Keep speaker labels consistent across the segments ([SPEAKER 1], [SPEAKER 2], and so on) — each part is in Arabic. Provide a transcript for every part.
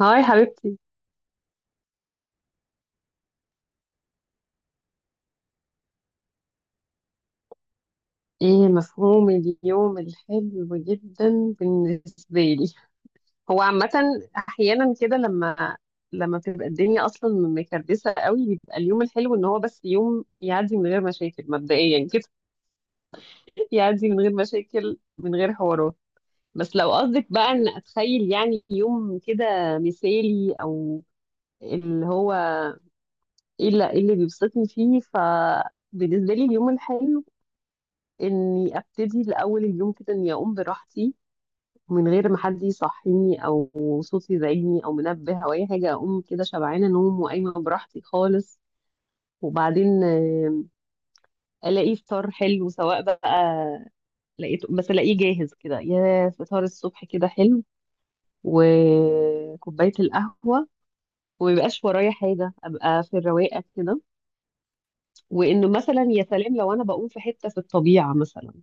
[SPEAKER 1] هاي حبيبتي. ايه مفهوم اليوم الحلو جدا بالنسبة لي؟ هو عامة احيانا كده لما بتبقى الدنيا اصلا مكردسة قوي بيبقى اليوم الحلو ان هو بس يوم يعدي من غير مشاكل مبدئيا كده. يعدي من غير مشاكل من غير حوارات. بس لو قصدك بقى ان اتخيل يعني يوم كده مثالي او اللي هو ايه اللي إيه اللي بيبسطني فيه بالنسبة لي اليوم الحلو اني ابتدي لاول اليوم كده اني اقوم براحتي، من غير ما حد يصحيني او صوت يزعجني او منبه او اي حاجه، اقوم كده شبعانه نوم وقايمه براحتي خالص. وبعدين الاقي فطار حلو، سواء بقى لقيته بس الاقيه جاهز كده، يا فطار الصبح كده حلو وكوبايه القهوه، وميبقاش ورايا حاجه، ابقى في الرواقه كده. وانه مثلا يا سلام لو انا بقوم في حته في الطبيعه مثلا،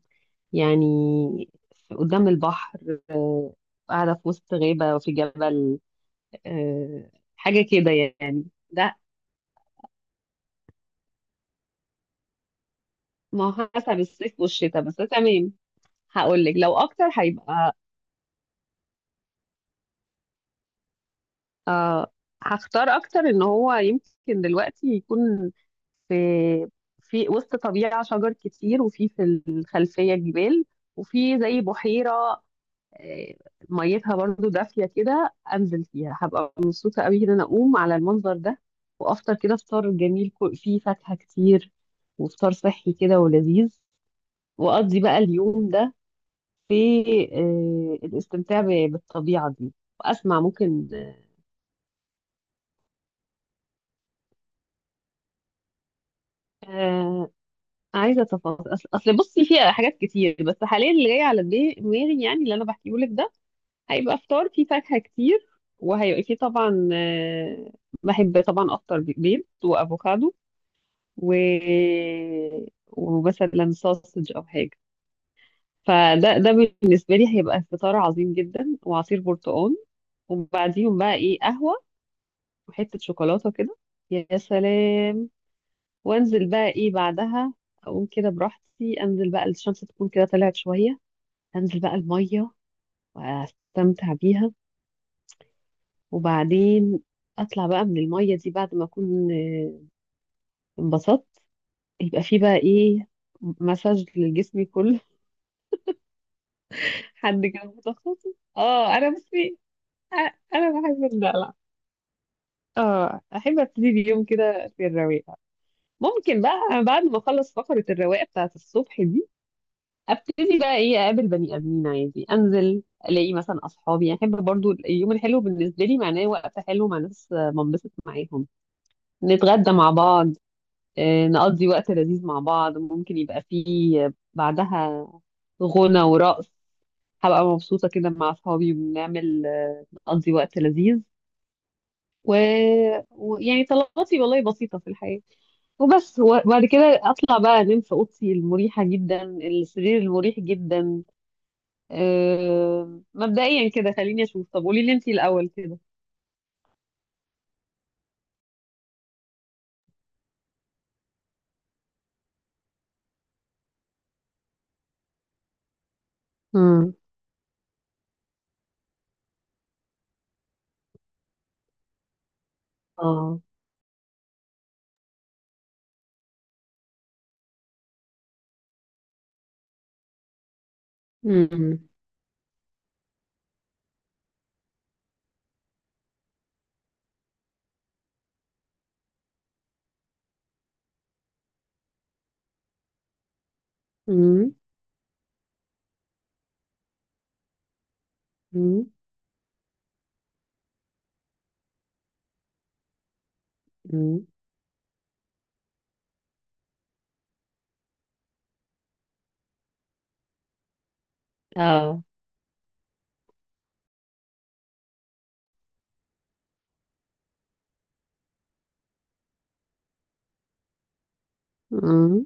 [SPEAKER 1] يعني قدام البحر، قاعده في وسط غابه في جبل آه، حاجة كده يعني. ده ما هو حسب الصيف والشتاء بس، تمام. هقول لك لو اكتر هيبقى آه هختار اكتر ان هو يمكن دلوقتي يكون في في وسط طبيعة شجر كتير، وفي الخلفية جبال، وفي زي بحيرة آه، ميتها برضو دافية كده، أنزل فيها. هبقى مبسوطة قوي إن أنا أقوم على المنظر ده وأفطر كده فطار جميل، فيه فاكهة كتير وفطار صحي كده ولذيذ. واقضي بقى اليوم ده في الاستمتاع بالطبيعة دي، واسمع ممكن. آه، عايزة تفاصيل، أصل بصي فيها حاجات كتير، بس حاليا اللي جاي على دماغي يعني اللي انا بحكيه لك ده، هيبقى فطار فيه فاكهة كتير، وهيبقى فيه طبعا، بحب طبعا افطر بيض وافوكادو و ومثلا ساسج او حاجة. فده بالنسبة لي هيبقى فطار عظيم جدا، وعصير برتقال، وبعديهم بقى ايه، قهوة وحتة شوكولاتة كده، يا سلام. وانزل بقى ايه بعدها، اقوم كده براحتي، انزل بقى الشمس تكون كده طلعت شوية، انزل بقى المية واستمتع بيها. وبعدين اطلع بقى من المية دي بعد ما اكون انبسطت، يبقى في بقى ايه، مساج لجسمي كله. حد كده متخصص، اه انا بصي، انا بحب الدلع. اه، احب ابتدي اليوم كده في الرواقه. ممكن بقى بعد ما اخلص فقره الرواقه بتاعت الصبح دي ابتدي بقى ايه، اقابل بني ادمين عادي، انزل الاقي مثلا اصحابي. يعني احب برضو اليوم الحلو بالنسبه لي معناه وقت حلو مع ناس بنبسط معاهم، نتغدى مع بعض، نقضي وقت لذيذ مع بعض، ممكن يبقى فيه بعدها غنى ورقص. هبقى مبسوطه كده مع اصحابي وبنعمل نقضي وقت لذيذ و... ويعني طلباتي والله بسيطه في الحياه وبس. وبعد كده اطلع بقى انام في اوضتي المريحه جدا، السرير المريح جدا. مبدئيا كده خليني اشوف. طب قولي لي انتي الاول كده. امم، اه، امم، امم، امم، امم، اه، امم،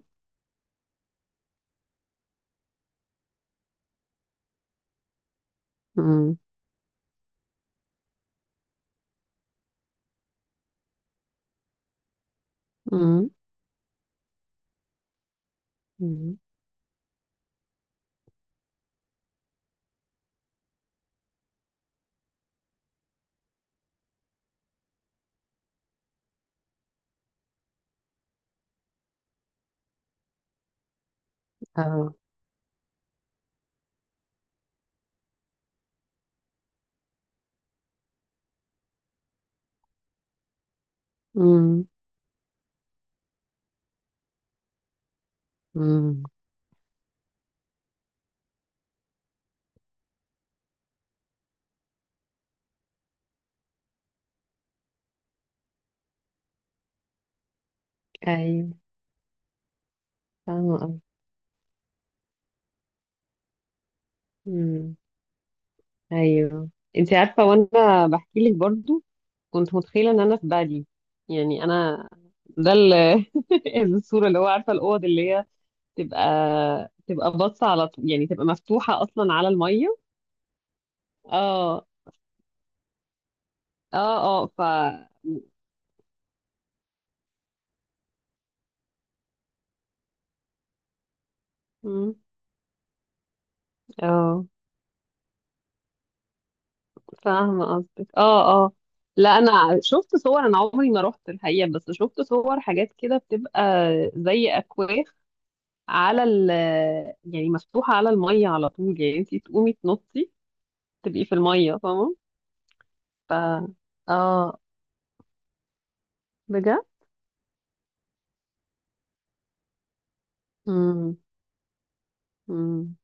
[SPEAKER 1] امم، امم، امم، اه، امم، امم. ايوه، فاهمة قوي. امم. ايوه، انتي عارفه، وانا بحكي لك برضو كنت متخيله ان انا في بالي، يعني انا ده الصوره، اللي هو عارفه الاوض اللي هي تبقى تبقى باصه على طول، يعني تبقى مفتوحه اصلا على الميه. اه، اه، اه، مم. اه، فاهمة قصدك، اه، اه. لا انا شفت صور، انا عمري ما رحت الحقيقة، بس شفت صور حاجات كده بتبقى زي اكواخ على يعني مفتوحة على المية على طول، يعني انتي تقومي تنطي تبقي في المية، فاهمة. ف اه، بجد. مم. مم.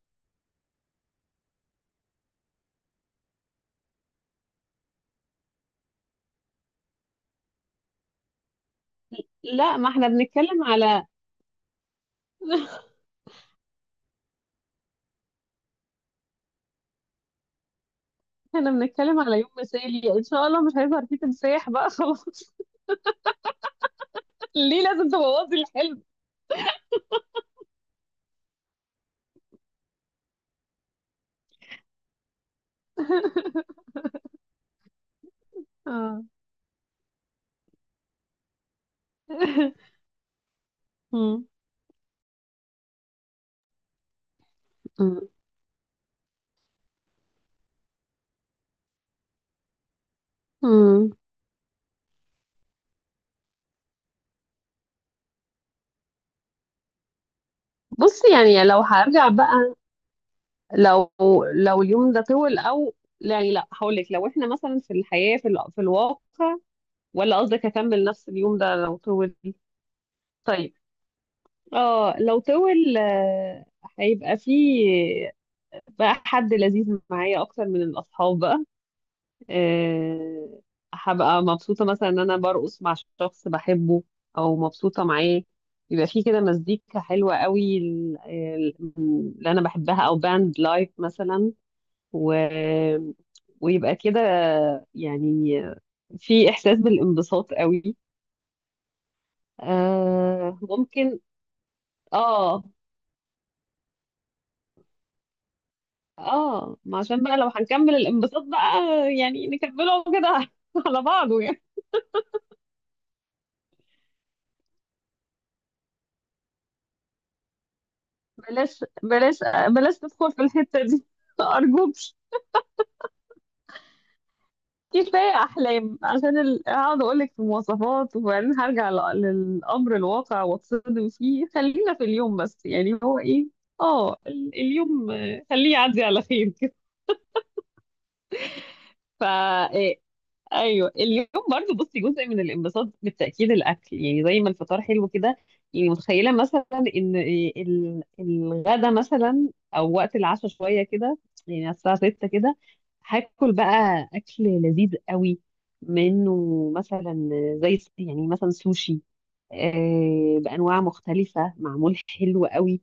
[SPEAKER 1] لا ما احنا بنتكلم على احنا بنتكلم على يوم مثالي، ان شاء الله مش هيظهر فيه تمساح بقى خلاص. ليه لازم تبوظي الحلم؟ اه. مم. مم. مم. بصي، يعني لو هرجع بقى، لو لو اليوم ده طول او، يعني لا هقول لك لو احنا مثلا في الحياة في الواقع، ولا قصدك اكمل نفس اليوم ده لو طول؟ طيب، اه، لو طول، هيبقى فيه بقى حد لذيذ معايا اكتر من الاصحاب بقى. آه، هبقى مبسوطة مثلا ان انا برقص مع شخص بحبه، او مبسوطة معاه، يبقى في كده مزيكا حلوة قوي اللي انا بحبها، او باند لايف مثلا و... ويبقى كده يعني في احساس بالانبساط قوي. ممكن، اه اه ما عشان بقى لو هنكمل الانبساط بقى، يعني نكمله كده على بعضه يعني. بلاش بلاش تدخل في الحتة دي، أرجوك. كفاية أحلام، عشان أقعد أقولك في مواصفات وبعدين هرجع للأمر الواقع وأتصدم فيه. خلينا في اليوم بس، يعني هو إيه؟ اليوم، خليه يعدي على خير كده. ف آه، ايوه اليوم برضو، بصي جزء من الانبساط بالتاكيد الاكل، يعني زي ما الفطار حلو كده، يعني متخيله مثلا ان الغدا مثلا، او وقت العشاء شويه كده، يعني على الساعه 6 كده، هاكل بقى اكل لذيذ قوي، منه مثلا زي يعني مثلا سوشي، بانواع مختلفه معمول حلو قوي.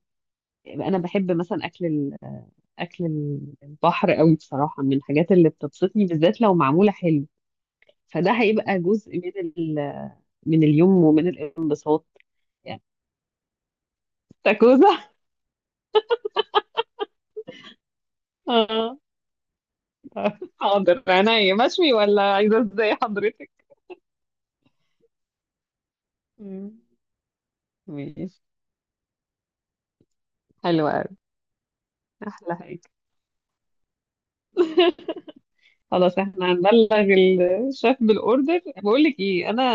[SPEAKER 1] انا بحب مثلا اكل البحر قوي، بصراحه من الحاجات اللي بتبسطني، بالذات لو معموله حلو. فده هيبقى جزء من اليوم ومن الانبساط. يعني استاكوزا؟ اه، حاضر عينيا. مشوي ولا عايزه ازاي حضرتك؟ مم. ماشي، حلو قوي، احلى حاجه. خلاص احنا هنبلغ الشيف بالاوردر. بقول لك ايه، انا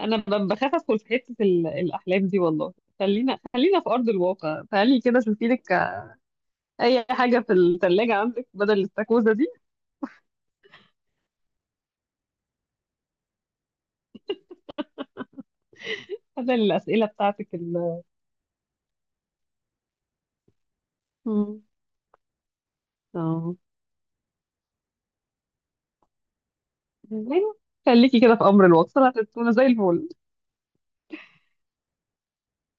[SPEAKER 1] انا بخاف ادخل في حته الاحلام دي والله. خلينا في ارض الواقع. تعالي كده شوفي لك اي حاجه في الثلاجه عندك بدل الاستاكوزا دي، بدل الاسئله بتاعتك مم. اه، يعني خليكي كده في امر الواقع هتكوني زي الفل.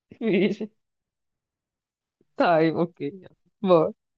[SPEAKER 1] ماشي، طيب اوكي، يلا. باي.